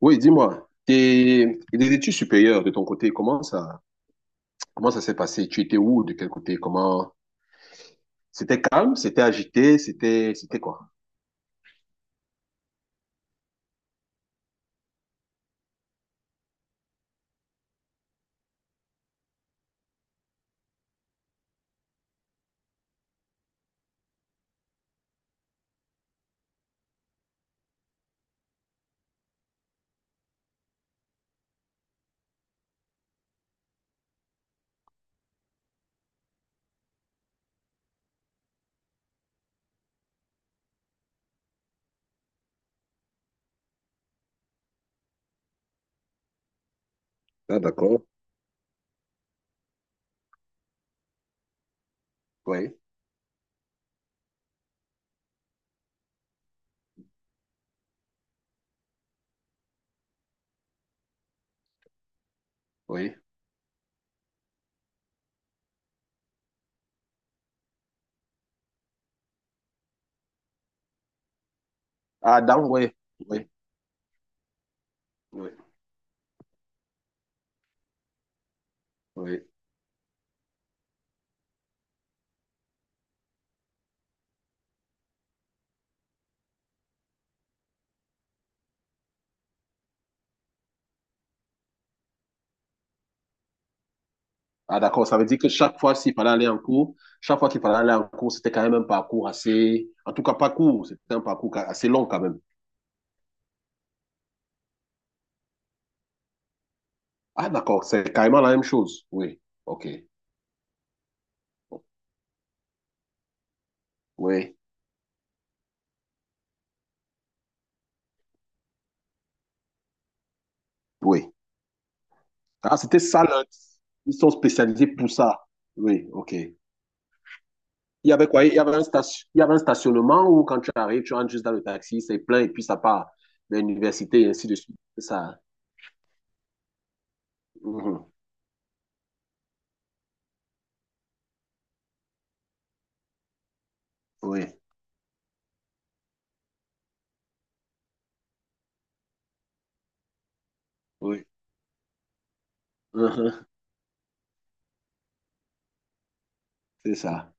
Oui, dis-moi, tes les études supérieures de ton côté, comment ça s'est passé? Tu étais où, de quel côté? Comment? C'était calme, c'était agité, c'était quoi? Ah, d'accord. Oui, oui. Ah, dans, oui, oui, oui, oui. Ah, d'accord. Ça veut dire que chaque fois qu'il fallait aller en cours, c'était quand même un parcours assez, en tout cas, pas court, c'était un parcours assez long quand même. Ah, d'accord. C'est carrément la même chose. Oui, ok. Oui, oui. Ah, c'était ça, là. Ils sont spécialisés pour ça. Oui, ok. Il y avait quoi? Il y avait un stationnement où quand tu arrives, tu rentres juste dans le taxi, c'est plein et puis ça part de l'université et ainsi de suite. C'est ça. Mhm. Oui, oui. Mhm. C'est ça.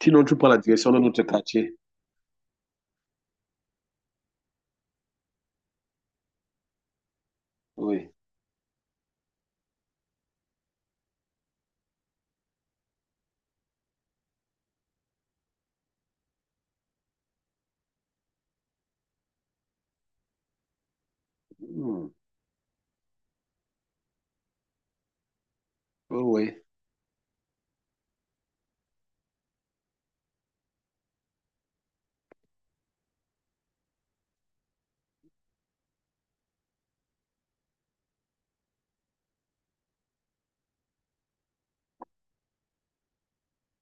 Sinon, tu prends la direction de notre quartier. Oui. Mhm. Oh, oui,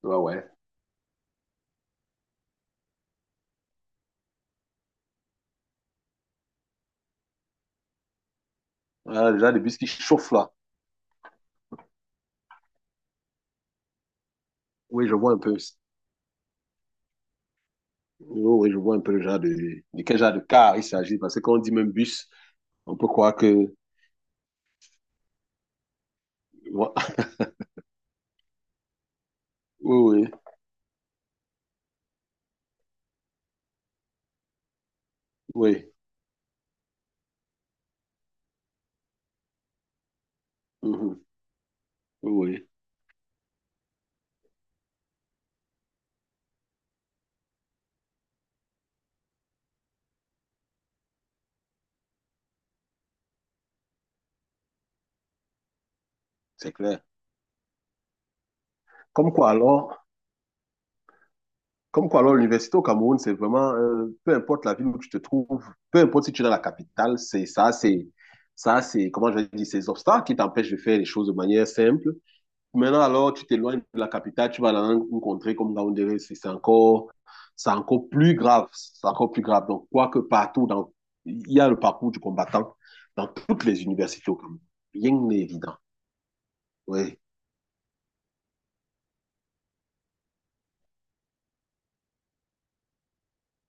ouais, ouais. Ah, le genre de bus qui chauffe là. Oui, je vois un peu. Oh, oui, je vois un peu le genre de quel genre de car il s'agit. Parce que quand on dit même bus, on peut croire que. Oui, oui, oui. Mhm. Oui, oui. C'est clair. Comme quoi alors? Comme quoi, alors, l'université au Cameroun, c'est vraiment, peu importe la ville où tu te trouves, peu importe si tu es dans la capitale, comment je vais dire, ces obstacles qui t'empêchent de faire les choses de manière simple. Maintenant, alors, tu t'éloignes de la capitale, tu vas dans une contrée comme Yaoundé, c'est encore, c'est encore plus grave, c'est encore plus grave. Donc, quoique partout, dans, il y a le parcours du combattant dans toutes les universités au Cameroun. Rien n'est évident. Oui,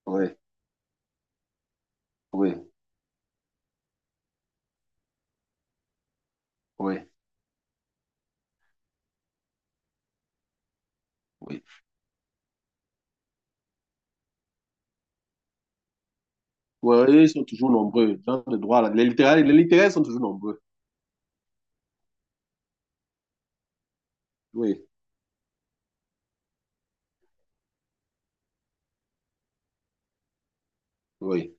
oui, oui, oui, oui. Oui, ils sont toujours nombreux. Gens de droit, là. Les littéraires sont toujours nombreux. Oui, oui,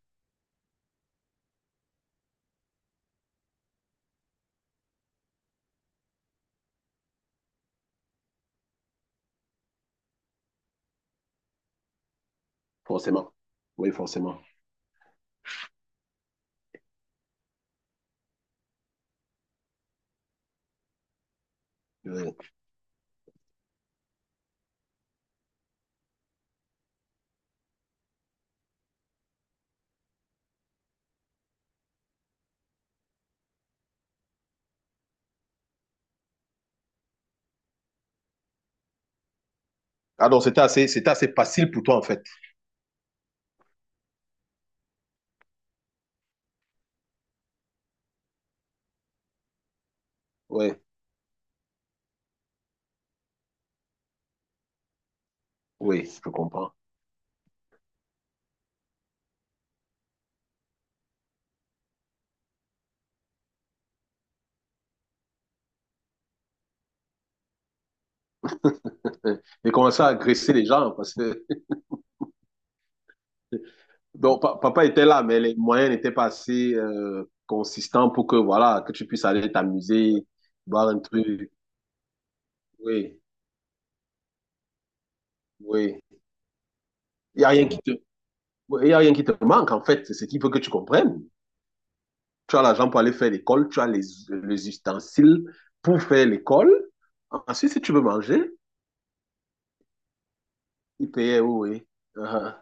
forcément. Oui, forcément. Oui. Ah donc, c'était assez facile pour toi, en fait. Oui, oui, je comprends. J'ai commencé à agresser les gens parce que donc, papa était là, mais les moyens n'étaient pas assez consistants pour que, voilà, que tu puisses aller t'amuser, boire un truc. Oui, oui. Il n'y a rien qui te... Il y a rien qui te manque, en fait. C'est ce qu'il faut que tu comprennes. Tu as l'argent pour aller faire l'école, tu as les ustensiles pour faire l'école. Ensuite, si tu veux manger, il payait, oui. Oui. Uh-huh.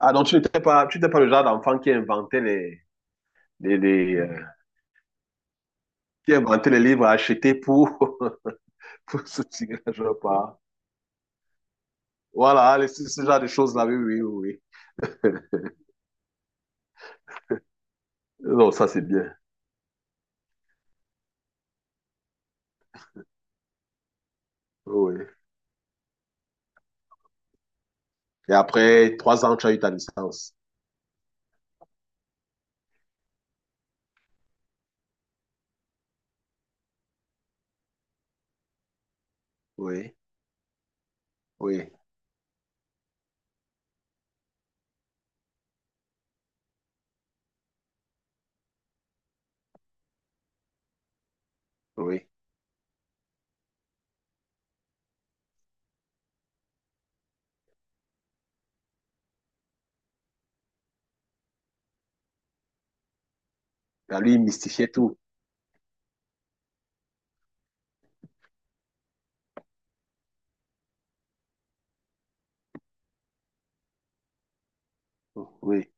Ah, tu n'étais pas le genre d'enfant qui inventait les, les, les, euh, qui inventait les livres à acheter pour, pour soutenir, je ne sais pas. Voilà, ce genre de choses-là, oui, oui, oui. Oui. Non, ça c'est bien. Oui. Oui. Et après 3 ans, tu as eu ta licence. Oui, oui, oui. Ah, lui, il mystifiait tout. Oui.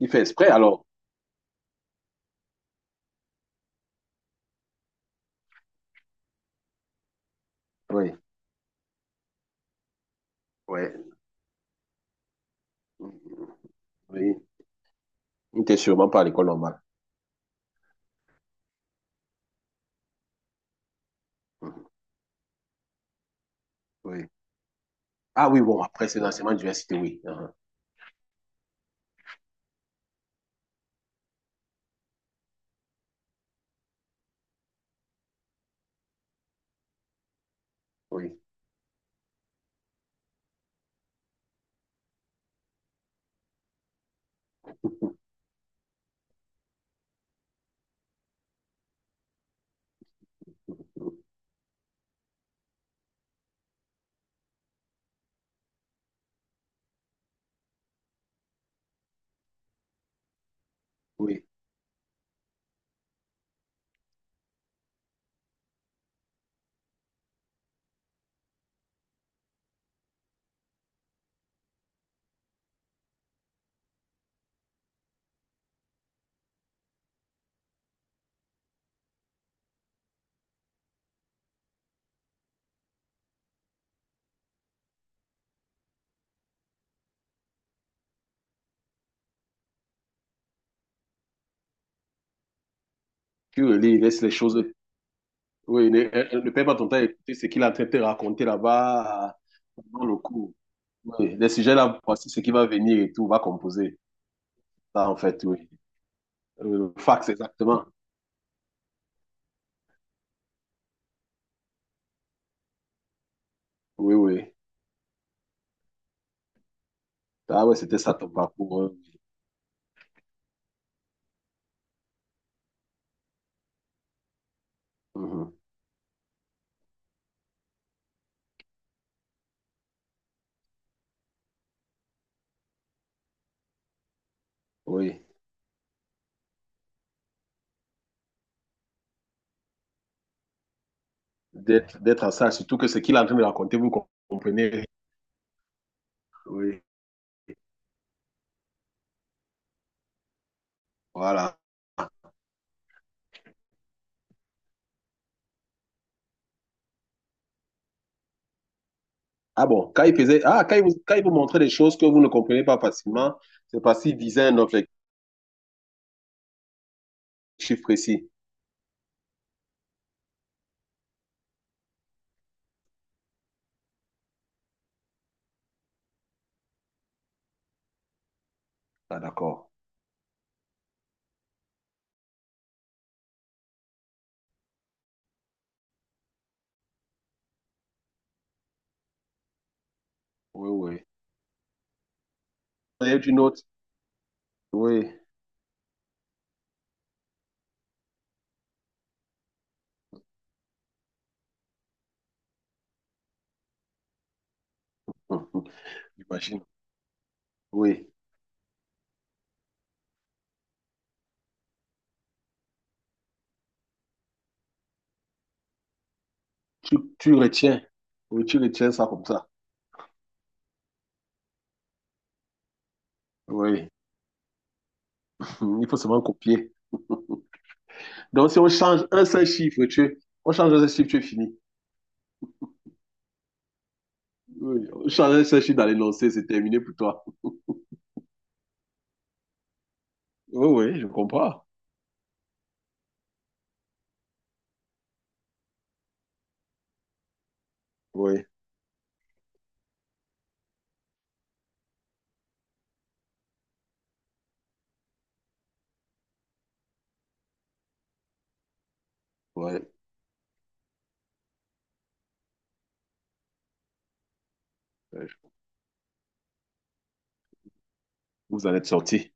Il fait exprès alors. Oui, oui. Oui. Il n'était sûrement pas à l'école normale. Mhm. Oui. Ah oui, bon, après, c'est l'enseignement d'université, oui. Uhum. Oui, oui. Tu relis, laisse les choses. Oui, ne perds pas ton temps à écouter ce qu'il est en train de te raconter là-bas pendant le cours. Oui, les sujets là, voici ce qui va venir et tout, va composer. Ça, en fait, oui. Fax, exactement. Oui, oui. Ah ouais, c'était ça ton parcours, hein. Mhm. Oui. D'être en salle, surtout que ce qu'il est en train de raconter, vous comprenez. Oui. Voilà. Ah bon, quand il faisait, ah, quand il vous montrait des choses que vous ne comprenez pas facilement, c'est parce qu'il visait un objectif précis. Ah d'accord. Oui, oui. D'ailleurs, tu autre Oui. Hum, hum, j'imagine. Oui. Tu retiens. Oui, tu retiens ça comme ça. Oui. Il faut seulement copier. Donc, si on change un seul chiffre, tu, on change un seul chiffre, tu es fini. Oui. On change un seul chiffre dans l'énoncé, c'est terminé pour toi. Oui, oui, je comprends. Oui, oui. Vous en êtes sorti.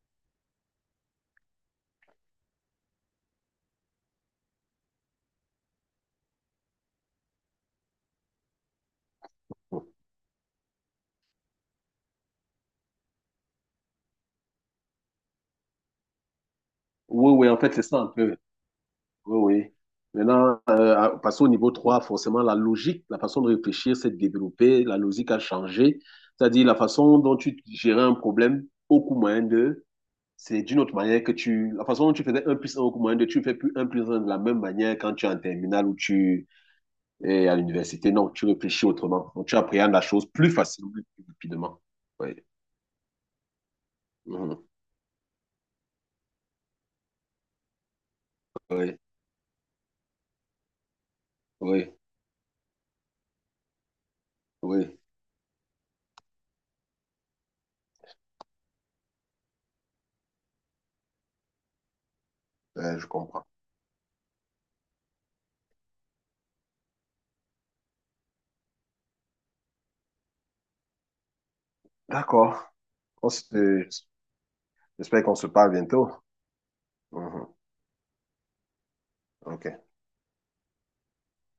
Oui, oui, en fait, c'est ça un peu. Oui, oui. Maintenant, passons au niveau 3. Forcément, la logique, la façon de réfléchir s'est développée, la logique a changé, c'est-à-dire la façon dont tu gérais un problème au coût moyen de, c'est d'une autre manière que tu, la façon dont tu faisais un plus un au coût moyen de, tu ne fais plus un de la même manière quand tu es en terminale ou tu es à l'université. Non, tu réfléchis autrement. Donc, tu appréhendes la chose plus facilement, plus rapidement. Oui, mhm, oui, oui, oui, euh, je comprends. D'accord. On se- j'espère qu'on se parle bientôt. Mhm. OK.